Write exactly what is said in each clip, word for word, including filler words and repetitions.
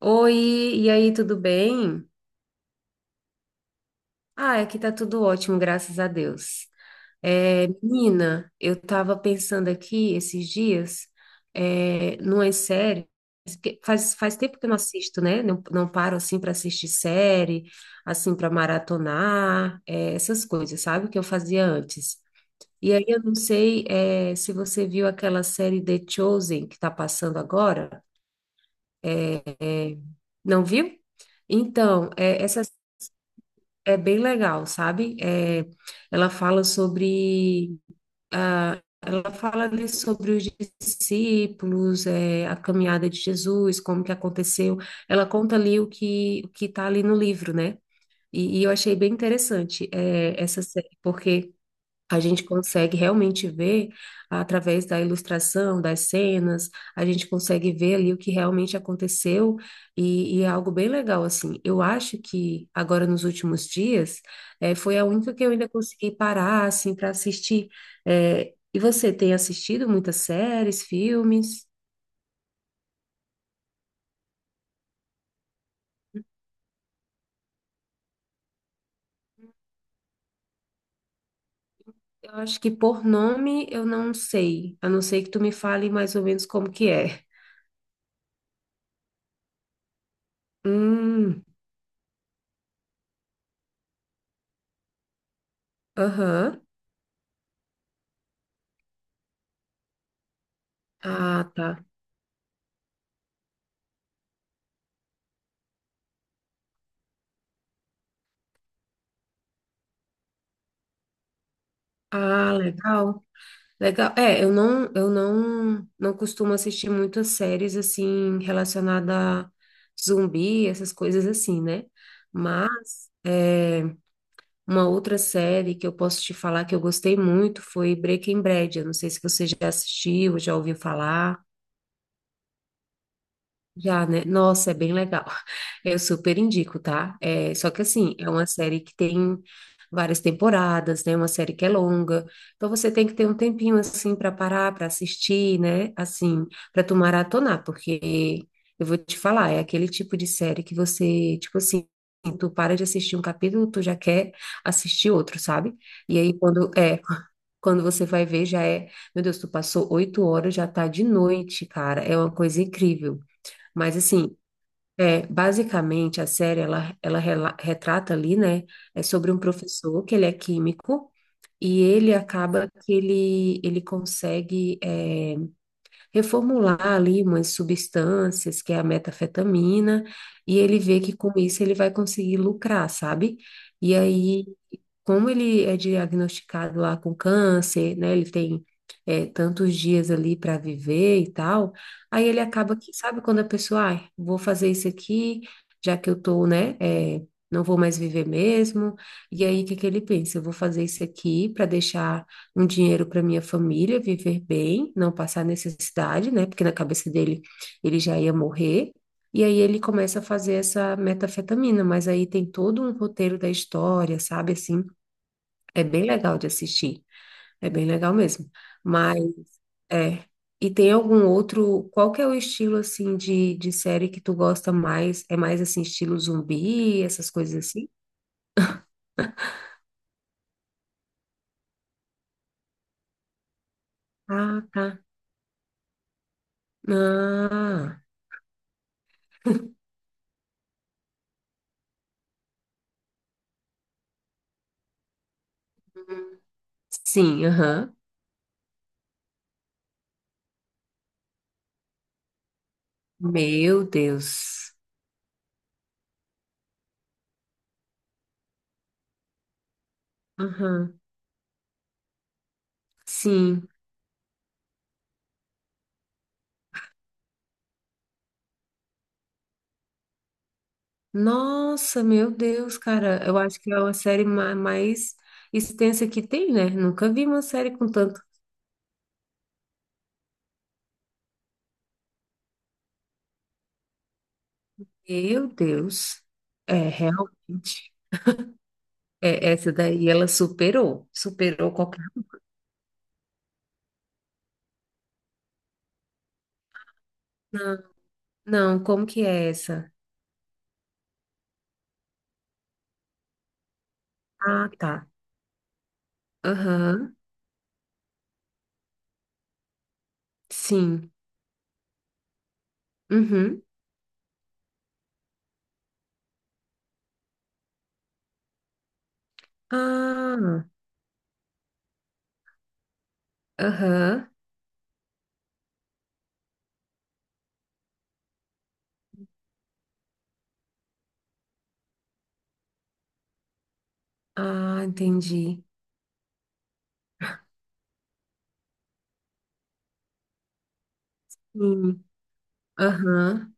Oi, e aí, tudo bem? Ah, aqui tá tudo ótimo, graças a Deus. É, menina, eu tava pensando aqui esses dias, é, numas séries, porque faz, faz tempo que eu não assisto, né? Não, não paro assim para assistir série, assim para maratonar, é, essas coisas, sabe? Que eu fazia antes. E aí eu não sei, é, se você viu aquela série The Chosen que tá passando agora. Não viu? Então, é, essa é bem legal, sabe? É, ela fala sobre ah, ela fala ali sobre os discípulos, é, a caminhada de Jesus, como que aconteceu. Ela conta ali o que o que está ali no livro, né? E, e eu achei bem interessante é, essa série, porque a gente consegue realmente ver através da ilustração, das cenas, a gente consegue ver ali o que realmente aconteceu e, e é algo bem legal, assim. Eu acho que agora nos últimos dias eh, foi a única que eu ainda consegui parar, assim, para assistir. Eh, e você tem assistido muitas séries, filmes? Eu acho que por nome eu não sei, a não ser que tu me fale mais ou menos como que é. Hum, aham. Ah, tá. Ah, legal. Legal. É, eu não, eu não, não costumo assistir muitas séries assim relacionada a zumbi, essas coisas assim, né? Mas é, uma outra série que eu posso te falar que eu gostei muito foi Breaking Bad. Eu não sei se você já assistiu, já ouviu falar. Já, né? Nossa, é bem legal. Eu super indico, tá? É, só que assim, é uma série que tem várias temporadas, né? Uma série que é longa. Então você tem que ter um tempinho assim para parar, para assistir, né? Assim, para tu maratonar, porque eu vou te falar, é aquele tipo de série que você, tipo assim, tu para de assistir um capítulo, tu já quer assistir outro, sabe? E aí quando é, quando você vai ver já é, meu Deus, tu passou oito horas, já tá de noite, cara. É uma coisa incrível. Mas assim, é, basicamente a série ela, ela rela- retrata ali, né? É sobre um professor que ele é químico e ele acaba que ele, ele consegue é, reformular ali umas substâncias, que é a metafetamina, e ele vê que com isso ele vai conseguir lucrar, sabe? E aí, como ele é diagnosticado lá com câncer, né? Ele tem é, tantos dias ali para viver e tal. Aí ele acaba que, sabe, quando a pessoa, ah, vou fazer isso aqui, já que eu tô, né, é, não vou mais viver mesmo. E aí, o que que ele pensa? Eu vou fazer isso aqui para deixar um dinheiro para minha família viver bem, não passar necessidade, né? Porque na cabeça dele ele já ia morrer. E aí ele começa a fazer essa metafetamina, mas aí tem todo um roteiro da história, sabe? Assim, é bem legal de assistir, é bem legal mesmo. Mas é. E tem algum outro? Qual que é o estilo assim de, de série que tu gosta mais? É mais assim estilo zumbi, essas coisas assim? Ah, tá. Ah, sim, aham. Meu Deus. Aham, sim. Nossa, meu Deus, cara, eu acho que é uma série ma- mais extensa que tem, né? Nunca vi uma série com tanto. Meu Deus, é realmente. É, essa daí ela superou, superou qualquer. Não, não, como que é essa? Ah, tá. Aham, sim. Uhum. Ah, aham. Ah, entendi. Sim. Aham.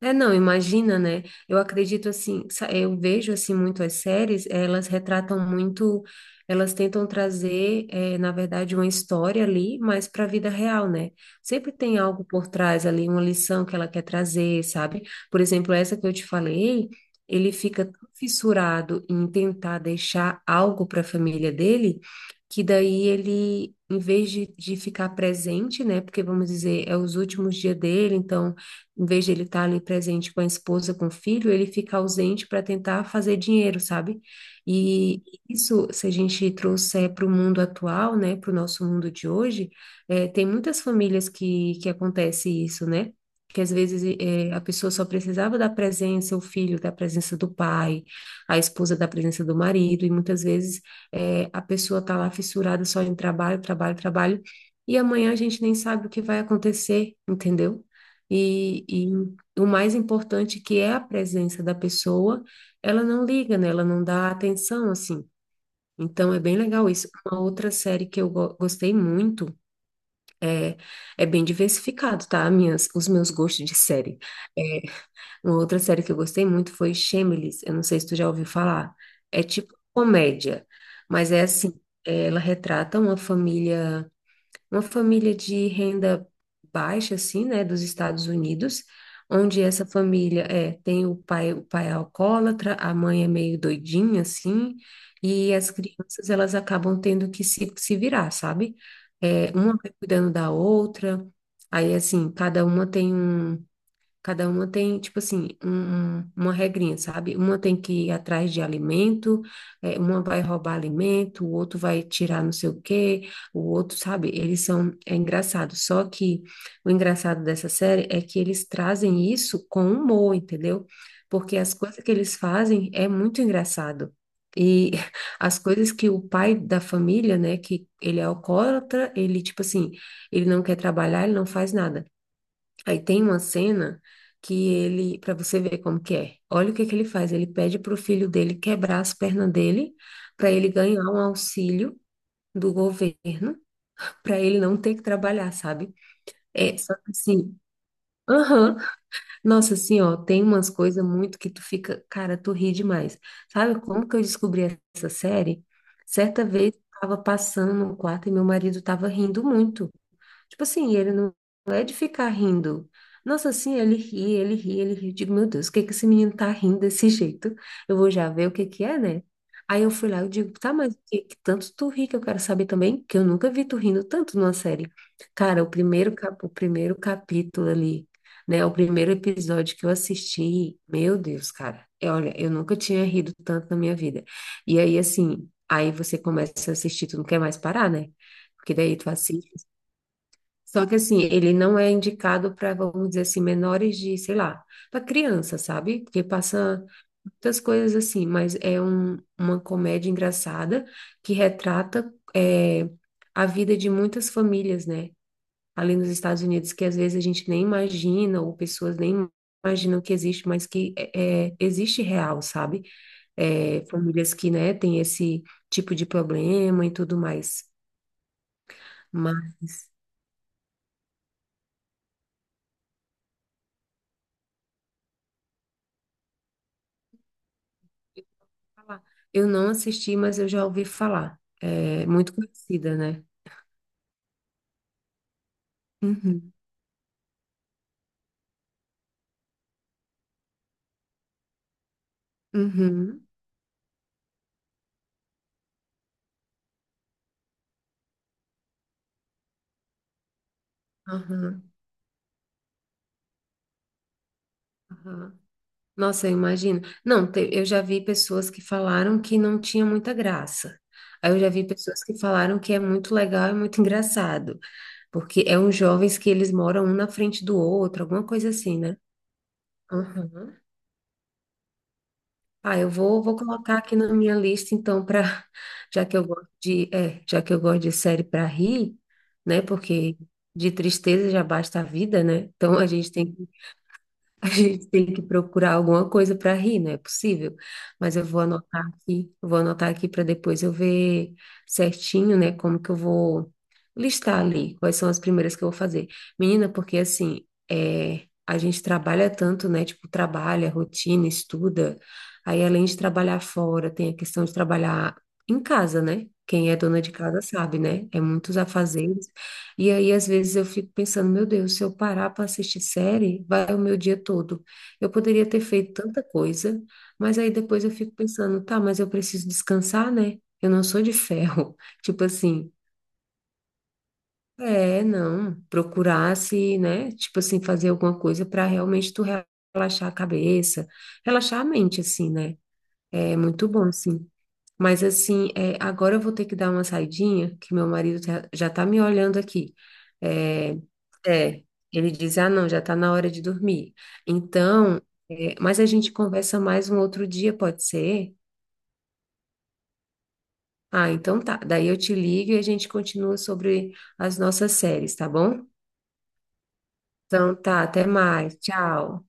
É, não, imagina, né? Eu acredito assim, sa- eu vejo assim muito as séries, elas retratam muito, elas tentam trazer, eh, na verdade, uma história ali, mas para a vida real, né? Sempre tem algo por trás ali, uma lição que ela quer trazer, sabe? Por exemplo, essa que eu te falei, ele fica tão fissurado em tentar deixar algo para a família dele, que daí ele, em vez de, de ficar presente, né? Porque vamos dizer, é os últimos dias dele, então em vez de ele estar ali presente com a esposa, com o filho, ele fica ausente para tentar fazer dinheiro, sabe? E isso, se a gente trouxer para o mundo atual, né, para o nosso mundo de hoje, é, tem muitas famílias que, que acontece isso, né? que às vezes eh, a pessoa só precisava da presença, o filho da presença do pai, a esposa da presença do marido, e muitas vezes eh, a pessoa está lá fissurada só em trabalho, trabalho, trabalho, e amanhã a gente nem sabe o que vai acontecer, entendeu? E, e o mais importante que é a presença da pessoa, ela não liga, né? Ela não dá atenção, assim. Então é bem legal isso. Uma outra série que eu go- gostei muito é, é bem diversificado, tá? Minhas, os meus gostos de série. É, uma outra série que eu gostei muito foi Shameless. Eu não sei se tu já ouviu falar. É tipo comédia, mas é assim, ela retrata uma família uma família de renda baixa, assim, né, dos Estados Unidos, onde essa família é, tem o pai, o pai é alcoólatra, a mãe é meio doidinha, assim, e as crianças, elas acabam tendo que se, se virar, sabe? É, uma vai cuidando da outra, aí, assim, cada uma tem um Cada uma tem, tipo assim, um- um- uma regrinha, sabe? Uma tem que ir atrás de alimento, eh, uma vai roubar alimento, o outro vai tirar não sei o quê, o outro, sabe? Eles são, é engraçado. Só que o engraçado dessa série é que eles trazem isso com humor, entendeu? Porque as coisas que eles fazem é muito engraçado. E as coisas que o pai da família, né, que ele é alcoólatra, ele, tipo assim, ele não quer trabalhar, ele não faz nada. Aí tem uma cena que ele, para você ver como que é. Olha o que que ele faz. Ele pede para o filho dele quebrar as pernas dele para ele ganhar um auxílio do governo para ele não ter que trabalhar, sabe? É só que assim. Aham. Nossa, assim, ó, tem umas coisas muito que tu fica, cara, tu ri demais. Sabe como que eu descobri essa série? Certa vez eu tava passando no quarto e meu marido tava rindo muito. Tipo assim, ele não não é de ficar rindo. Nossa, assim, ele ri, ele ri, ele ri. Eu digo, meu Deus, o que que esse menino tá rindo desse jeito? Eu vou já ver o que que é, né? Aí eu fui lá, eu digo, tá, mas o que que tanto tu ri que eu quero saber também, que eu nunca vi tu rindo tanto numa série. Cara, o primeiro, cap- o primeiro capítulo ali, né? O primeiro episódio que eu assisti, meu Deus, cara. é, Olha, eu nunca tinha rido tanto na minha vida. E aí, assim, aí você começa a assistir, tu não quer mais parar, né? Porque daí tu assiste. Só que assim, ele não é indicado para, vamos dizer assim, menores de, sei lá, para criança, sabe? Porque passa muitas coisas assim, mas é um- uma comédia engraçada que retrata é, a vida de muitas famílias, né? Ali nos Estados Unidos, que às vezes a gente nem imagina, ou pessoas nem imaginam que existe, mas que é, é, existe real, sabe? É, famílias que, né, têm esse tipo de problema e tudo mais. Mas. Falar. Eu não assisti, mas eu já ouvi falar. É muito conhecida, né? Uhum, uhum, aham, aham. Nossa, eu imagino. Não, te- eu já vi pessoas que falaram que não tinha muita graça. Aí eu já vi pessoas que falaram que é muito legal e muito engraçado, porque é uns jovens que eles moram um na frente do outro, alguma coisa assim, né? Aham. Ah, eu vou, vou colocar aqui na minha lista, então, para já que eu gosto de, é, já que eu gosto de série para rir, né? Porque de tristeza já basta a vida, né? Então a gente tem que a gente tem que procurar alguma coisa para rir, não é possível. Mas eu vou anotar aqui, eu vou anotar aqui para depois eu ver certinho, né, como que eu vou listar ali, quais são as primeiras que eu vou fazer. Menina, porque assim, é, a gente trabalha tanto, né, tipo, trabalha, rotina, estuda. Aí além de trabalhar fora, tem a questão de trabalhar em casa, né? Quem é dona de casa sabe, né? É muitos afazeres. E aí, às vezes, eu fico pensando, meu Deus, se eu parar para assistir série, vai o meu dia todo. Eu poderia ter feito tanta coisa, mas aí depois eu fico pensando, tá, mas eu preciso descansar, né? Eu não sou de ferro. Tipo assim, é, não, procurar se, né? Tipo assim, fazer alguma coisa para realmente tu relaxar a cabeça, relaxar a mente, assim, né? É muito bom, sim. Mas assim, é, agora eu vou ter que dar uma saidinha, que meu marido tá- já tá me olhando aqui. É, é, ele diz, ah, não, já tá na hora de dormir. Então, é, mas a gente conversa mais um outro dia, pode ser? Ah, então tá. Daí eu te ligo e a gente continua sobre as nossas séries, tá bom? Então tá, até mais. Tchau.